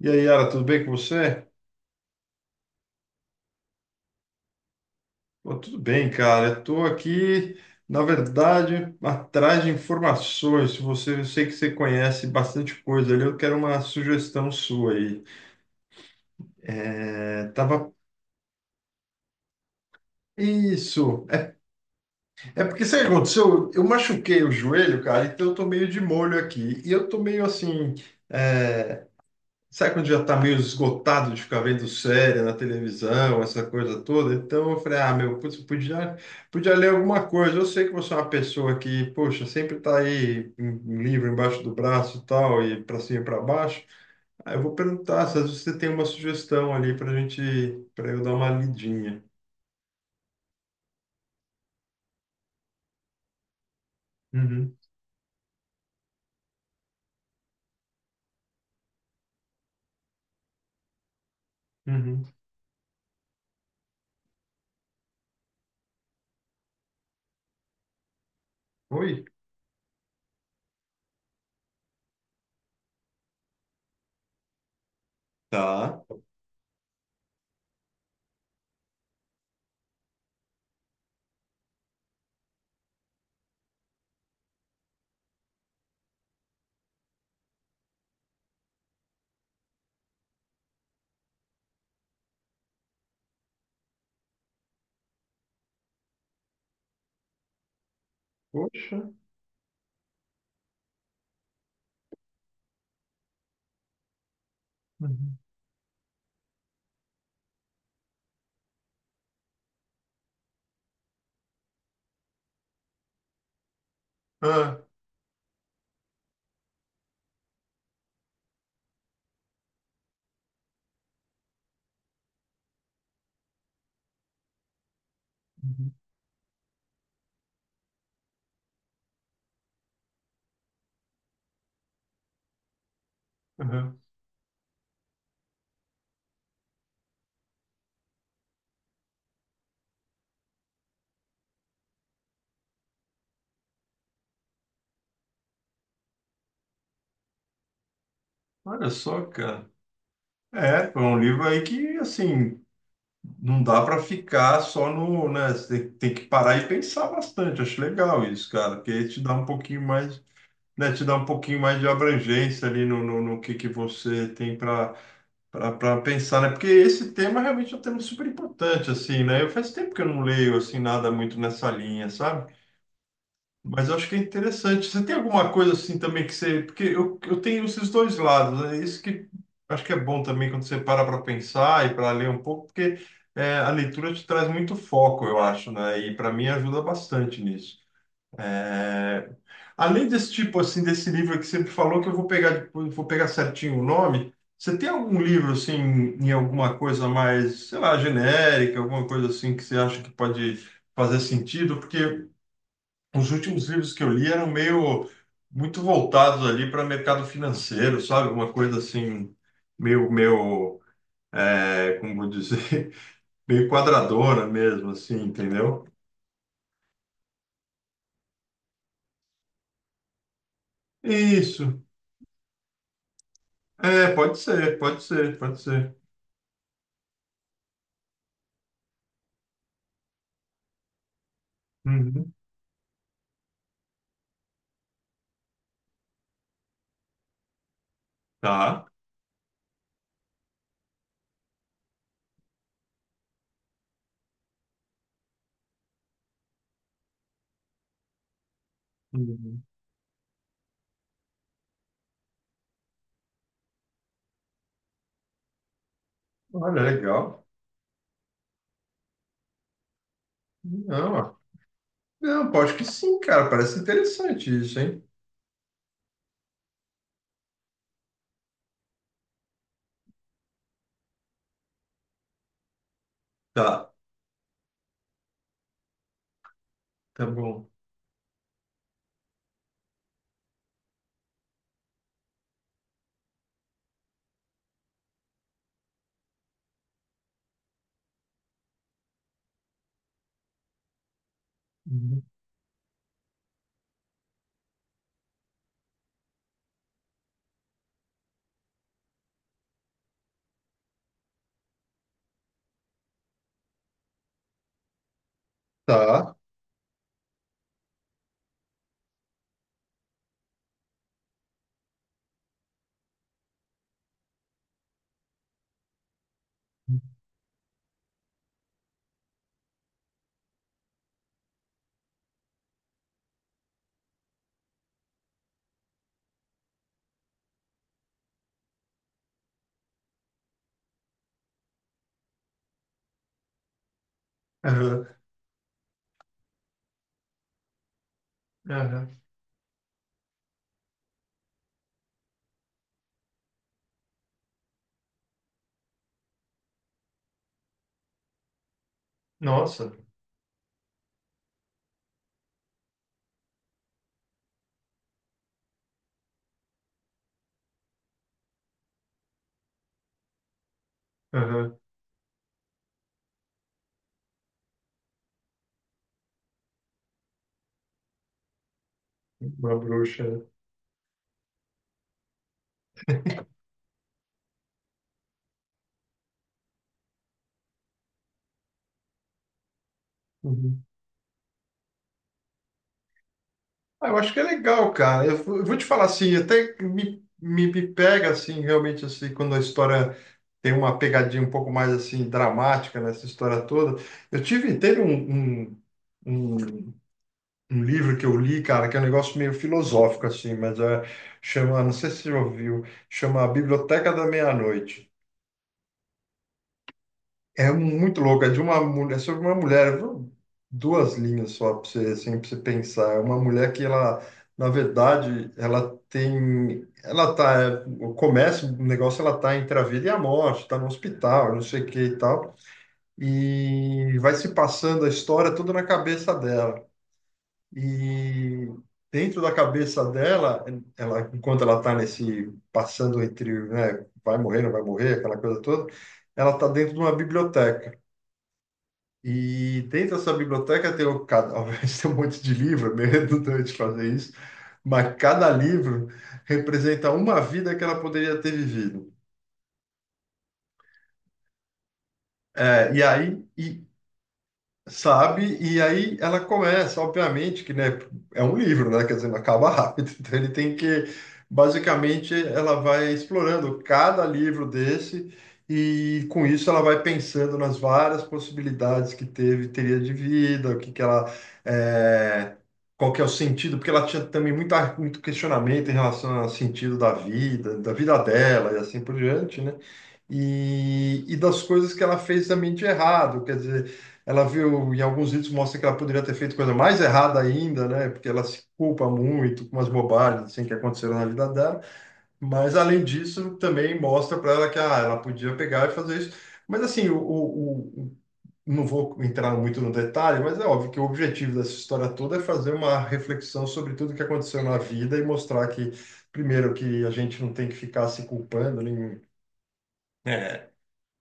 E aí, Yara, tudo bem com você? Pô, tudo bem, cara. Eu tô aqui, na verdade, atrás de informações. Se você, eu sei que você conhece bastante coisa ali, eu quero uma sugestão sua aí. É, tava... Isso. É porque sabe o que aconteceu? Eu machuquei o joelho, cara, então eu tô meio de molho aqui. E eu tô meio assim. é, Sabe quando já tá meio esgotado de ficar vendo série na televisão, essa coisa toda? Então eu falei, ah, meu, putz, podia ler alguma coisa. Eu sei que você é uma pessoa que, poxa, sempre tá aí um livro embaixo do braço e tal, e para cima e para baixo. Aí eu vou perguntar se às vezes você tem uma sugestão ali pra gente, para eu dar uma lidinha. Uhum, uhum. Oi? Tá. Poxa. Uhum. Ah, uhum. Aham. Olha só, cara. É, foi um livro aí que, assim, não dá para ficar só no, né? Tem que parar e pensar bastante. Acho legal isso, cara, porque aí te dá um pouquinho mais, né? Te dá um pouquinho mais de abrangência ali no que você tem para para pensar, né? Porque esse tema realmente é um tema super importante, assim, né? Eu faz tempo que eu não leio assim nada muito nessa linha, sabe? Mas eu acho que é interessante. Você tem alguma coisa assim também que você. Porque eu tenho esses dois lados. É isso que acho que é bom também quando você para para pensar e para ler um pouco, porque é, a leitura te traz muito foco, eu acho, né? E para mim ajuda bastante nisso. É, além desse tipo assim, desse livro que você falou, que eu vou pegar, depois, vou pegar certinho o nome. Você tem algum livro assim, em alguma coisa mais, sei lá, genérica, alguma coisa assim que você acha que pode fazer sentido? Porque os últimos livros que eu li eram meio muito voltados ali para mercado financeiro, sabe? Uma coisa assim, meio, meio, é, como vou dizer, meio quadradona mesmo, assim, entendeu? Isso. É, pode ser, pode ser, pode ser. Uhum. Tá. Uhum. Olha, legal. Não, ó, não, pô, acho que sim, cara. Parece interessante isso, hein? Tá, tá bom. Uhum. Tá. Aham, aham. Nossa, aham. Uma bruxa, né? Uhum. Ah, eu acho que é legal, cara. Eu vou te falar assim, até me pega assim, realmente assim, quando a história tem uma pegadinha um pouco mais assim dramática nessa história toda. Teve um, um livro que eu li, cara, que é um negócio meio filosófico assim, mas é, chama, não sei se você já ouviu, chama A Biblioteca da Meia-Noite. É muito louco, é de uma mulher, é sobre uma mulher, viu? Duas linhas só para você, assim, para você pensar. É uma mulher que ela, na verdade, ela tá, é, começa o negócio, ela tá entre a vida e a morte, tá no hospital, não sei o que e tal, e vai se passando a história toda na cabeça dela. E dentro da cabeça dela, ela, enquanto ela tá nesse passando entre, né, vai morrer, não vai morrer, aquela coisa toda, ela tá dentro de uma biblioteca. E dentro da sua biblioteca tem, um, obviamente tem um monte de livro, é meio redundante fazer isso, mas cada livro representa uma vida que ela poderia ter vivido. É, e aí, e sabe? E aí ela começa, obviamente, que né, é um livro, né? Quer dizer, não acaba rápido. Então ele tem que, basicamente, ela vai explorando cada livro desse e com isso ela vai pensando nas várias possibilidades que teve, teria de vida, o que que ela é, qual que é o sentido? Porque ela tinha também muito questionamento em relação ao sentido da vida dela e assim por diante, né? E das coisas que ela fez também de errado, quer dizer, ela viu, em alguns vídeos mostra que ela poderia ter feito coisa mais errada ainda, né? Porque ela se culpa muito com umas bobagens assim, que aconteceram na vida dela. Mas, além disso, também mostra para ela que ah, ela podia pegar e fazer isso. Mas, assim, não vou entrar muito no detalhe, mas é óbvio que o objetivo dessa história toda é fazer uma reflexão sobre tudo que aconteceu na vida e mostrar que, primeiro, que a gente não tem que ficar se culpando, nem né,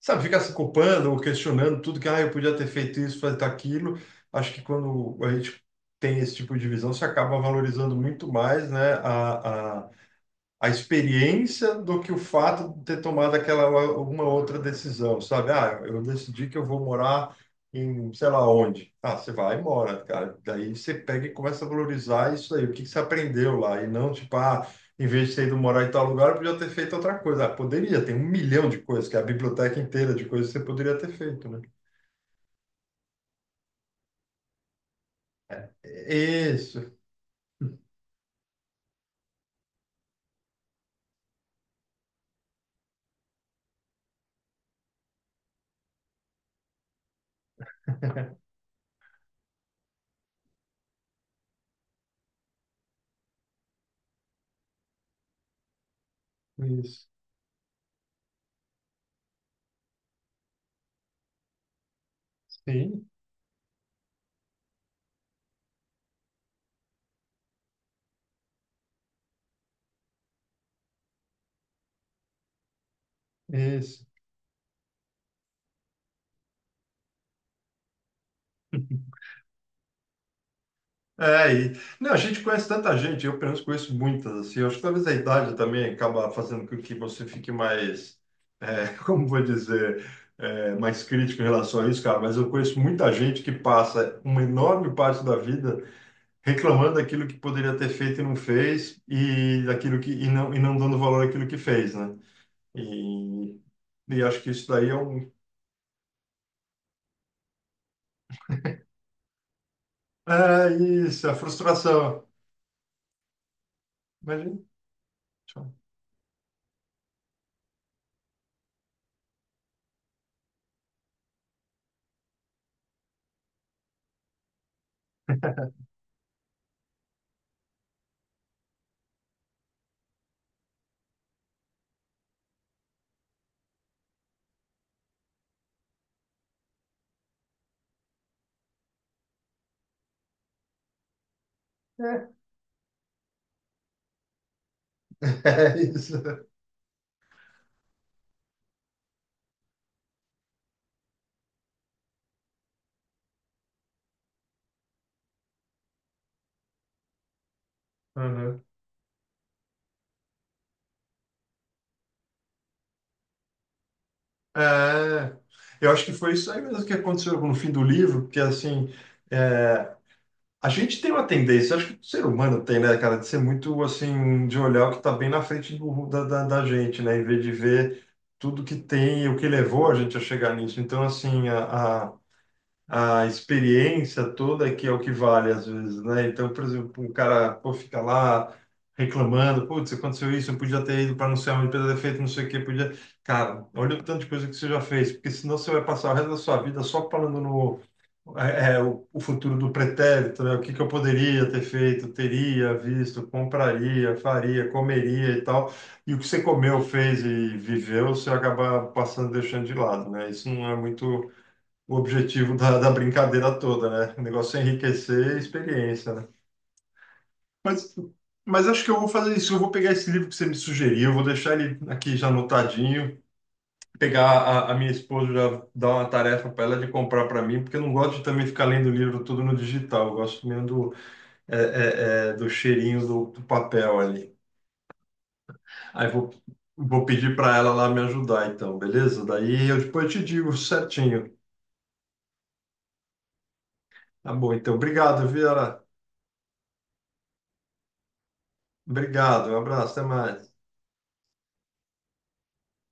sabe, ficar se culpando ou questionando tudo que, ah, eu podia ter feito isso, fazer aquilo. Acho que quando a gente tem esse tipo de visão, você acaba valorizando muito mais, né, a experiência do que o fato de ter tomado aquela alguma outra decisão, sabe? Ah, eu decidi que eu vou morar em sei lá onde. Ah, você vai e mora, cara. Daí você pega e começa a valorizar isso aí, o que que você aprendeu lá, e não tipo, ah, em vez de ter ido morar em tal lugar, eu podia ter feito outra coisa. Ah, poderia, tem um milhão de coisas, que é a biblioteca inteira de coisas que você poderia ter feito, né? Isso, isso. Sim, isso. É, e não, a gente conhece tanta gente, eu pelo menos conheço muitas, assim, eu acho que talvez a idade também acaba fazendo com que você fique mais, como vou dizer, é, mais crítico em relação a isso, cara, mas eu conheço muita gente que passa uma enorme parte da vida reclamando daquilo que poderia ter feito e não fez, e daquilo e não dando valor àquilo que fez, né? E, e acho que isso daí é um, é isso, é a frustração. Imagina. É isso. Uhum. É, eu acho que foi isso aí mesmo que aconteceu no fim do livro, porque assim, é, a gente tem uma tendência, acho que o ser humano tem, né, cara, de ser muito assim, de olhar o que está bem na frente da, da gente, né, em vez de ver tudo que tem e o que levou a gente a chegar nisso. Então, assim, a experiência toda que é o que vale às vezes, né? Então, por exemplo, um cara pô, fica lá reclamando, putz, aconteceu isso, eu podia ter ido para não sei onde, podia ter feito não sei o quê, podia... Cara, olha o tanto de coisa que você já fez, porque senão você vai passar o resto da sua vida só falando no... o futuro do pretérito, né? O que que eu poderia ter feito, teria visto, compraria, faria, comeria e tal. E o que você comeu, fez e viveu, você acaba passando, deixando de lado, né? Isso não é muito o objetivo da brincadeira toda, né? O negócio é enriquecer a experiência, né? Mas, mas acho que eu vou fazer isso. Eu vou pegar esse livro que você me sugeriu, vou deixar ele aqui já anotadinho, pegar a minha esposa, já dar uma tarefa para ela de comprar para mim, porque eu não gosto de também ficar lendo livro tudo no digital. Eu gosto mesmo do, do cheirinho do, do papel ali. Aí vou. Vou pedir para ela lá me ajudar, então, beleza? Daí eu depois te digo certinho. Tá bom, então. Obrigado, Vera. Obrigado. Um abraço. Até mais.